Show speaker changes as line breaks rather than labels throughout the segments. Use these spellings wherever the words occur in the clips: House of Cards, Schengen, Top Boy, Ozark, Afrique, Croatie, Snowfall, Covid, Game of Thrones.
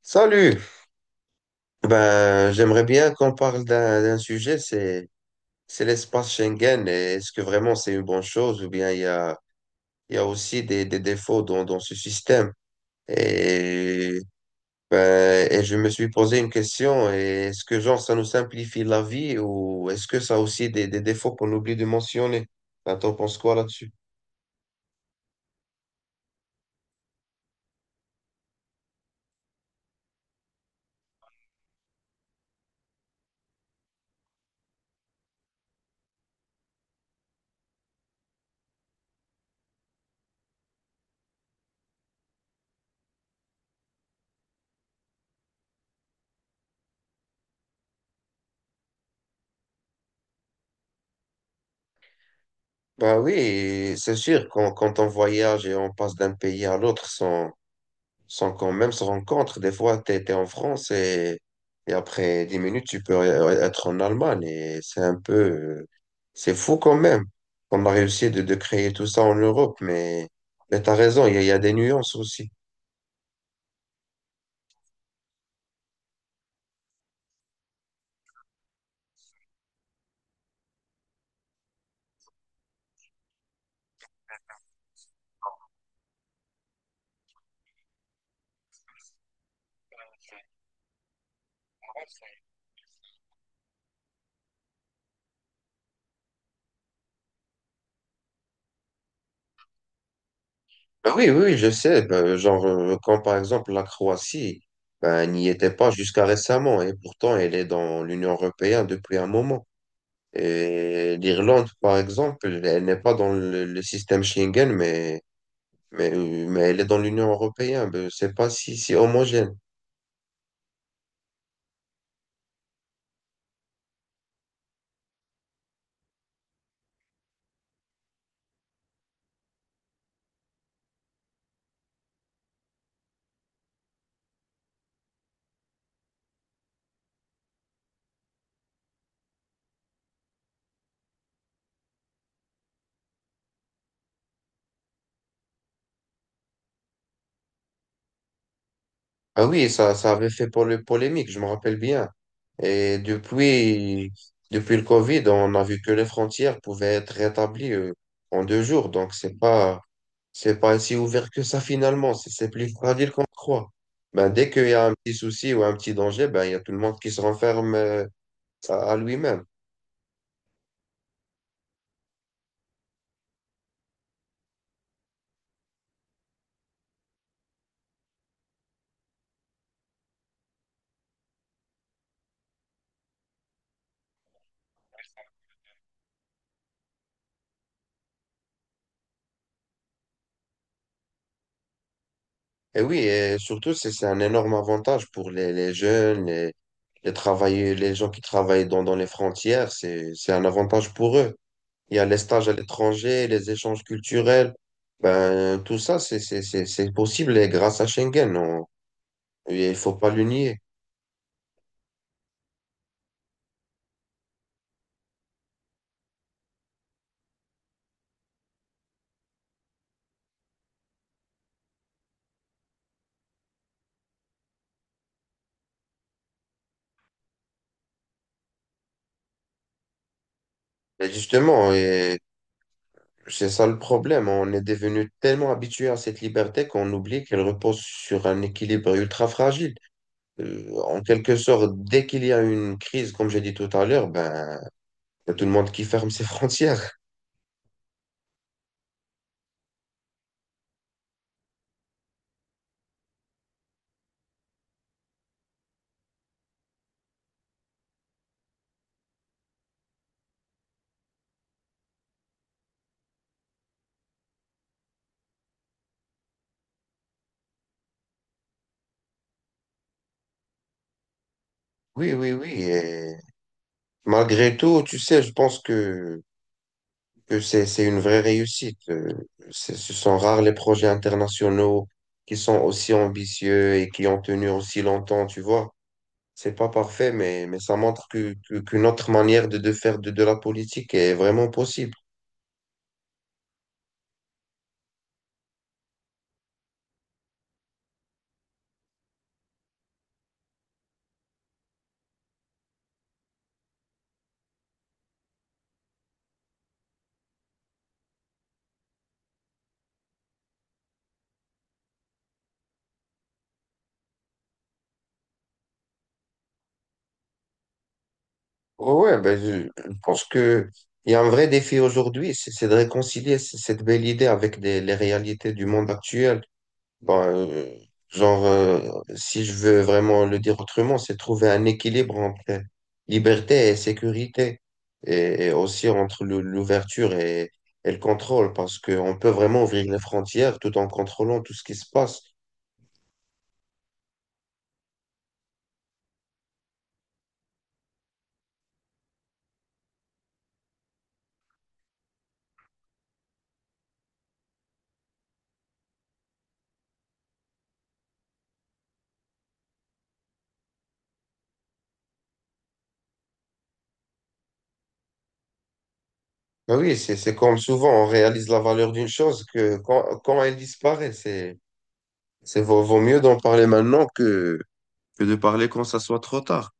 Salut. Ben, j'aimerais bien qu'on parle d'un sujet, c'est l'espace Schengen. Est-ce que vraiment c'est une bonne chose ou bien il y a aussi des défauts dans ce système? Et je me suis posé une question. Est-ce que genre ça nous simplifie la vie ou est-ce que ça a aussi des défauts qu'on oublie de mentionner? Ben, t'en penses quoi là-dessus? Ben oui, c'est sûr quand on voyage et on passe d'un pays à l'autre sans qu'on même se rencontre. Des fois, tu es en France et après 10 minutes, tu peux être en Allemagne. Et c'est un peu. C'est fou quand même. On a réussi de créer tout ça en Europe, mais tu as raison, il y a des nuances aussi. Ben oui, oui, je sais. Ben, genre, quand par exemple la Croatie, ben, n'y était pas jusqu'à récemment, et pourtant elle est dans l'Union européenne depuis un moment. Et l'Irlande, par exemple, elle n'est pas dans le système Schengen, mais elle est dans l'Union européenne. Je sais pas si c'est homogène. Ah oui, ça avait fait pour le polémique, je me rappelle bien. Et depuis, depuis le Covid, on a vu que les frontières pouvaient être rétablies en 2 jours. Donc, c'est pas si ouvert que ça finalement. C'est plus fragile qu'on croit. Ben, dès qu'il y a un petit souci ou un petit danger, ben, il y a tout le monde qui se renferme à lui-même. Et oui, et surtout, c'est un énorme avantage pour les jeunes, les travailleurs, les gens qui travaillent dans, dans les frontières, c'est un avantage pour eux. Il y a les stages à l'étranger, les échanges culturels, ben, tout ça, c'est possible et grâce à Schengen, et il faut pas le nier. Et justement, et c'est ça le problème, on est devenu tellement habitué à cette liberté qu'on oublie qu'elle repose sur un équilibre ultra fragile. En quelque sorte, dès qu'il y a une crise, comme j'ai dit tout à l'heure, ben, il y a tout le monde qui ferme ses frontières. Oui, oui, oui. Et malgré tout, tu sais, je pense que c'est une vraie réussite. Ce sont rares les projets internationaux qui sont aussi ambitieux et qui ont tenu aussi longtemps, tu vois. C'est pas parfait, mais ça montre qu'une autre manière de faire de la politique est vraiment possible. Ouais, ben, je pense que il y a un vrai défi aujourd'hui, c'est de réconcilier cette belle idée avec les réalités du monde actuel. Bon, genre, euh, si je veux vraiment le dire autrement, c'est trouver un équilibre entre liberté et sécurité, et aussi entre l'ouverture et le contrôle, parce qu'on peut vraiment ouvrir les frontières tout en contrôlant tout ce qui se passe. Ben oui, c'est comme souvent, on réalise la valeur d'une chose que quand, quand elle disparaît, c'est vaut, vaut mieux d'en parler maintenant que de parler quand ça soit trop tard.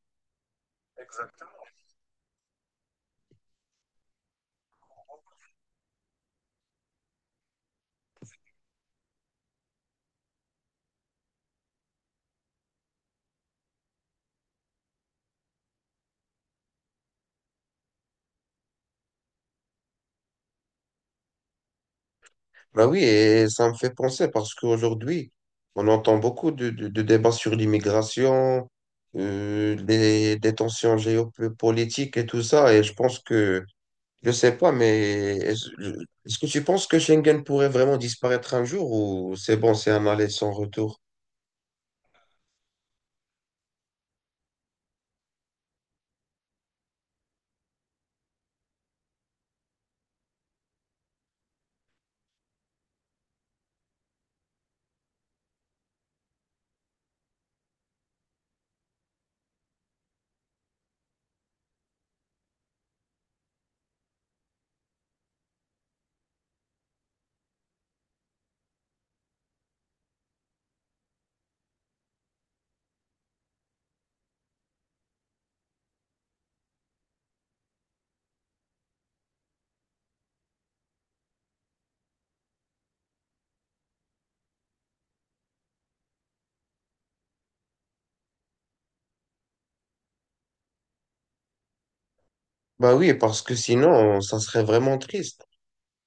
Ben oui, et ça me fait penser parce qu'aujourd'hui, on entend beaucoup de, de débats sur l'immigration, des tensions géopolitiques et tout ça. Et je pense que, je sais pas, mais est-ce que tu penses que Schengen pourrait vraiment disparaître un jour ou c'est bon, c'est un aller sans retour? Ben oui, parce que sinon, ça serait vraiment triste.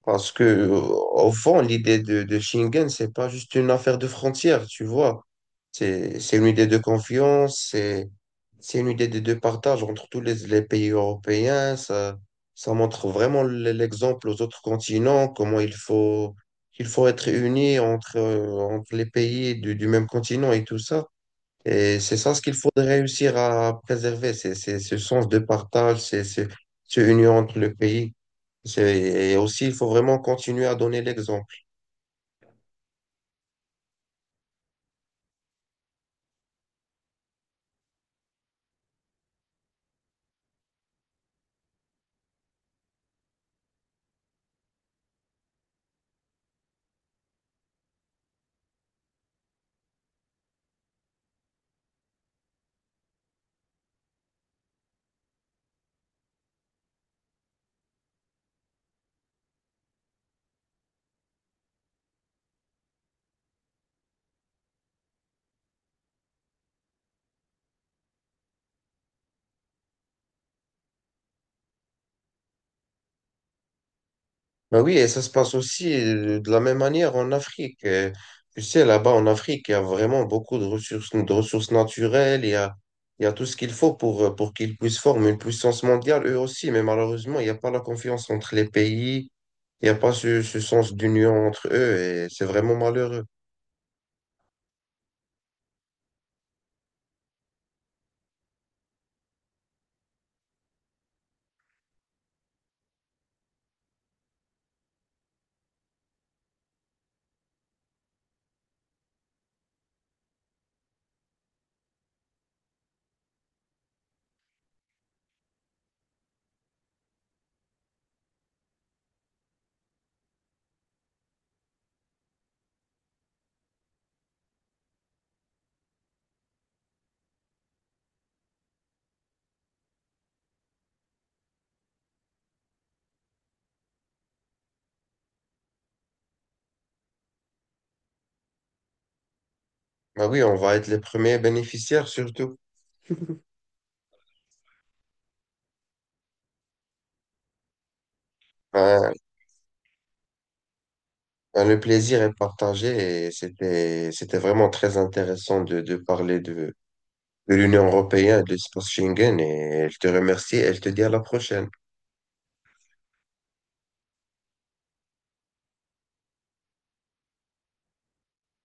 Parce que, au fond, l'idée de Schengen, c'est pas juste une affaire de frontières, tu vois. C'est une idée de confiance, c'est une idée des deux partages entre tous les pays européens. Ça montre vraiment l'exemple aux autres continents, comment il faut être unis entre, entre les pays du même continent et tout ça. Et c'est ça ce qu'il faudrait réussir à préserver, c'est ce sens de partage, c'est ce, ce union entre le pays. C'est- Et aussi, il faut vraiment continuer à donner l'exemple. Ben oui, et ça se passe aussi de la même manière en Afrique. Tu sais, là-bas en Afrique, il y a vraiment beaucoup de ressources naturelles. Il y a tout ce qu'il faut pour qu'ils puissent former une puissance mondiale, eux aussi. Mais malheureusement, il n'y a pas la confiance entre les pays. Il n'y a pas ce, ce sens d'union entre eux. Et c'est vraiment malheureux. Ben oui, on va être les premiers bénéficiaires surtout. Ben, ben, le plaisir est partagé et c'était, c'était vraiment très intéressant de parler de l'Union européenne, de l'espace Schengen, et elle te remercie, elle te dit à la prochaine.